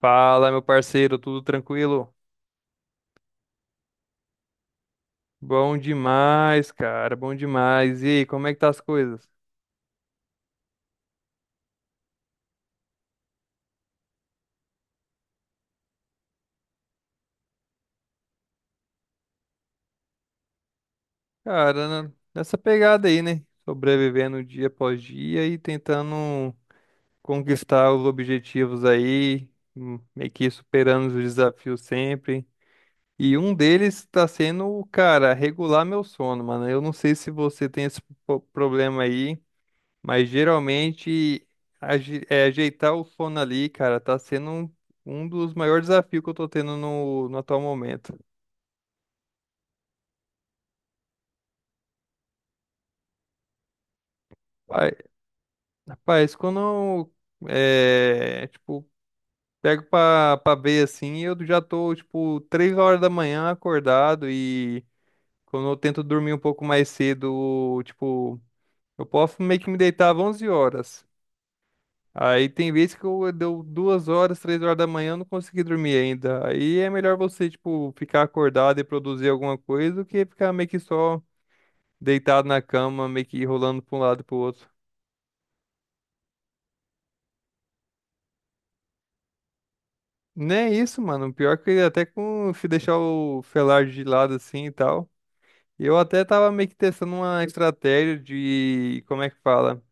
Fala, meu parceiro, tudo tranquilo? Bom demais, cara, bom demais. E aí, como é que tá as coisas? Cara, né, nessa pegada aí, né? Sobrevivendo dia após dia e tentando conquistar os objetivos aí, meio que superando os desafios sempre. E um deles tá sendo, cara, regular meu sono, mano. Eu não sei se você tem esse problema aí. Mas geralmente ajeitar o sono ali, cara, tá sendo um dos maiores desafios que eu tô tendo no atual momento. Pai- Rapaz, quando eu, tipo, pego pra ver assim, eu já tô, tipo, 3 horas da manhã acordado e quando eu tento dormir um pouco mais cedo, tipo, eu posso meio que me deitar às 11 horas. Aí tem vezes que eu deu 2 horas, 3 horas da manhã, eu não consegui dormir ainda. Aí é melhor você, tipo, ficar acordado e produzir alguma coisa do que ficar meio que só deitado na cama, meio que rolando pra um lado e pro outro. Nem é isso, mano. Pior que até com se deixar o felar de lado assim e tal. Eu até tava meio que testando uma estratégia de, como é que fala?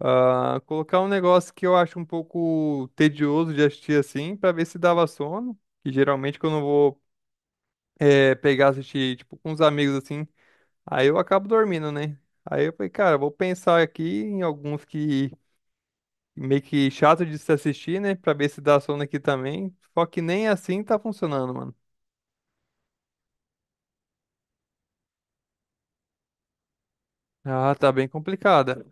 Ah, colocar um negócio que eu acho um pouco tedioso de assistir assim, pra ver se dava sono. Que geralmente quando eu vou pegar, assistir, tipo, com os amigos, assim. Aí eu acabo dormindo, né? Aí eu falei, cara, vou pensar aqui em alguns que meio que chato de se assistir, né? Pra ver se dá sono aqui também. Só que nem assim tá funcionando, mano. Ah, tá bem complicada.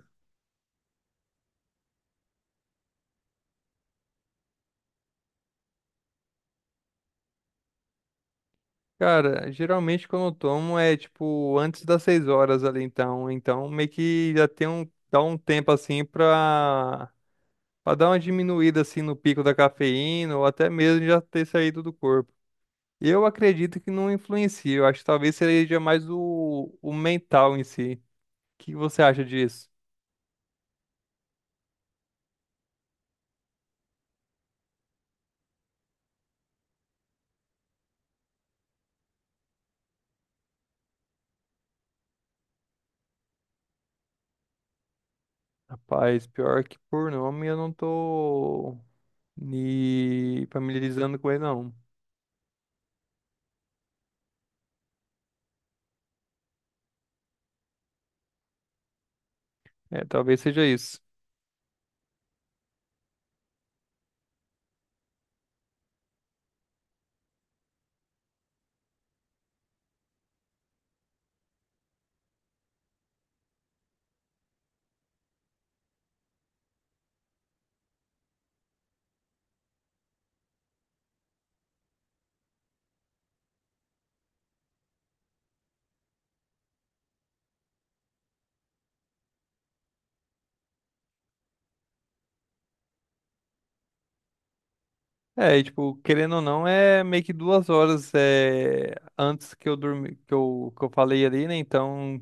Cara, geralmente quando eu tomo tipo, antes das 6 horas ali, então. Então meio que já tem um, dá um tempo, assim, pra, pra dar uma diminuída, assim, no pico da cafeína ou até mesmo já ter saído do corpo. Eu acredito que não influencia. Eu acho que talvez seja mais o mental em si. O que você acha disso? Rapaz, pior que por nome eu não tô me familiarizando com ele, não. É, talvez seja isso. É, e, tipo, querendo ou não, é meio que 2 horas antes que eu dormi, que eu falei ali, né? Então,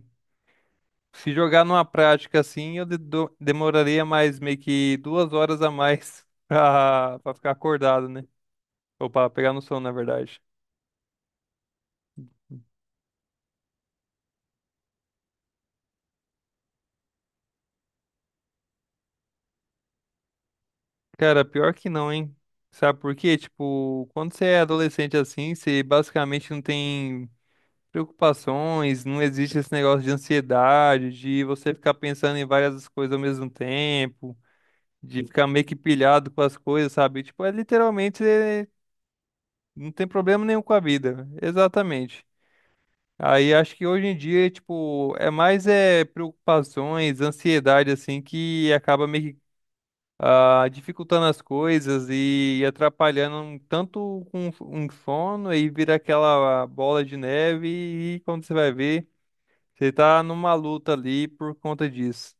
se jogar numa prática assim, eu demoraria mais meio que 2 horas a mais pra ficar acordado, né? Ou pra pegar no sono, na verdade. Cara, pior que não, hein? Sabe por quê? Tipo, quando você é adolescente assim, você basicamente não tem preocupações, não existe esse negócio de ansiedade, de você ficar pensando em várias coisas ao mesmo tempo, de ficar meio que pilhado com as coisas, sabe? Tipo, é literalmente você não tem problema nenhum com a vida. Exatamente. Aí acho que hoje em dia, tipo, é mais preocupações, ansiedade assim que acaba meio que ah, dificultando as coisas e atrapalhando um tanto com um sono e vira aquela bola de neve e quando você vai ver, você tá numa luta ali por conta disso.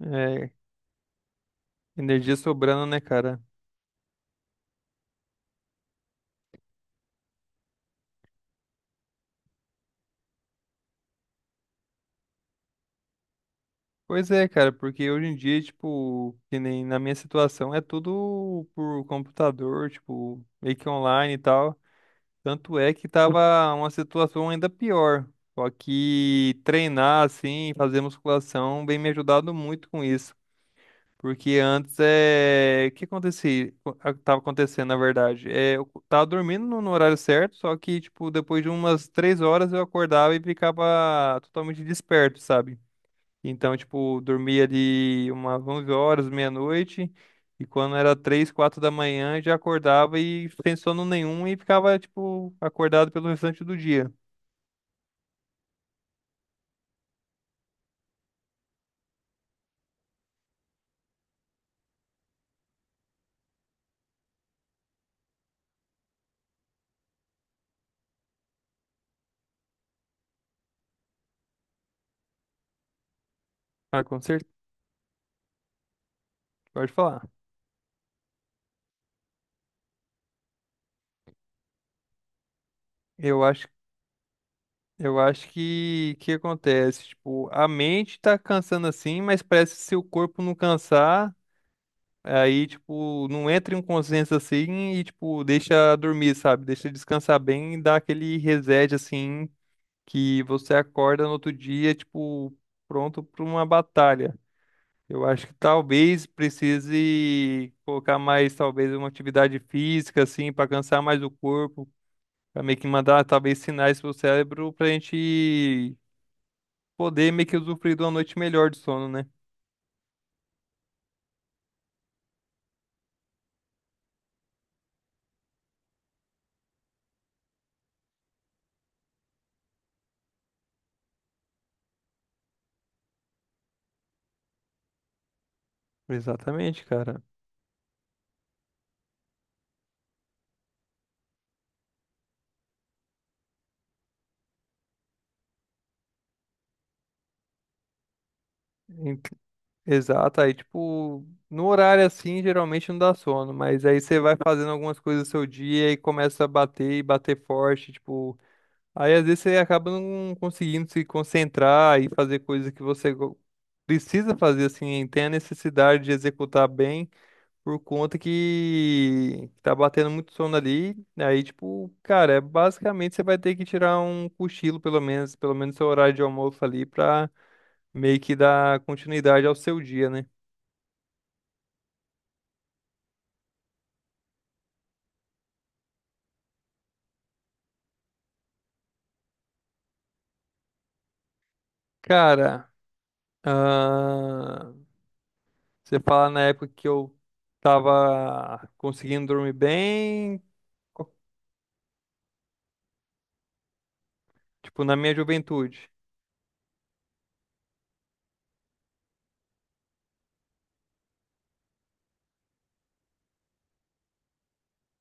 É, energia sobrando, né, cara? Pois é, cara, porque hoje em dia, tipo, que nem na minha situação, é tudo por computador, tipo, meio que online e tal. Tanto é que tava uma situação ainda pior. Só que treinar assim, fazer musculação, vem me ajudado muito com isso. Porque antes é. O que acontecia? O que tava acontecendo, na verdade. É, eu tava dormindo no horário certo, só que, tipo, depois de umas 3 horas eu acordava e ficava totalmente desperto, sabe? Então, tipo, dormia ali umas 11 horas, meia-noite, e quando era 3 4 da manhã, já acordava e sem sono nenhum e ficava, tipo, acordado pelo restante do dia. Ah, com certeza, pode falar. Eu acho, eu acho que acontece, tipo, a mente tá cansando assim, mas parece que se o corpo não cansar, aí, tipo, não entra em um consenso assim e, tipo, deixa dormir, sabe? Deixa descansar bem e dá aquele reset, assim, que você acorda no outro dia, tipo, pronto para uma batalha. Eu acho que talvez precise colocar mais, talvez, uma atividade física, assim, para cansar mais o corpo, para meio que mandar, talvez, sinais pro cérebro para a gente poder meio que usufruir de uma noite melhor de sono, né? Exatamente, cara. Ent- Exato. Aí, tipo, no horário assim, geralmente não dá sono, mas aí você vai fazendo algumas coisas do seu dia e começa a bater e bater forte, tipo. Aí às vezes você acaba não conseguindo se concentrar e fazer coisas que você precisa fazer assim, tem a necessidade de executar bem por conta que tá batendo muito sono ali. Aí tipo, cara, é basicamente você vai ter que tirar um cochilo pelo menos seu horário de almoço ali pra meio que dar continuidade ao seu dia, né? Cara, ah, você fala na época que eu tava conseguindo dormir bem, co- tipo, na minha juventude.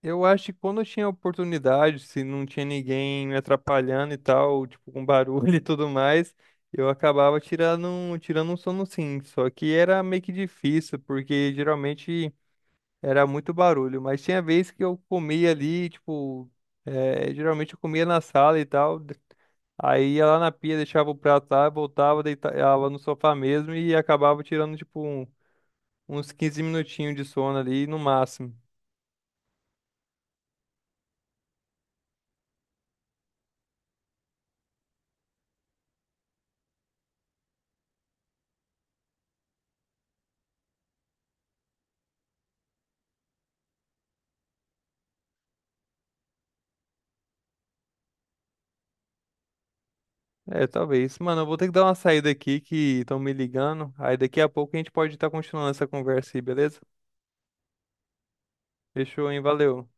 Eu acho que quando eu tinha oportunidade, se não tinha ninguém me atrapalhando e tal, tipo, com barulho e tudo mais, eu acabava tirando, tirando um sono sim. Só que era meio que difícil, porque geralmente era muito barulho. Mas tinha vez que eu comia ali, tipo, geralmente eu comia na sala e tal. Aí ia lá na pia, deixava o prato lá, voltava, deitava no sofá mesmo e acabava tirando, tipo, uns 15 minutinhos de sono ali no máximo. É, talvez. Mano, eu vou ter que dar uma saída aqui que estão me ligando. Aí daqui a pouco a gente pode estar continuando essa conversa aí, beleza? Fechou, hein? Valeu.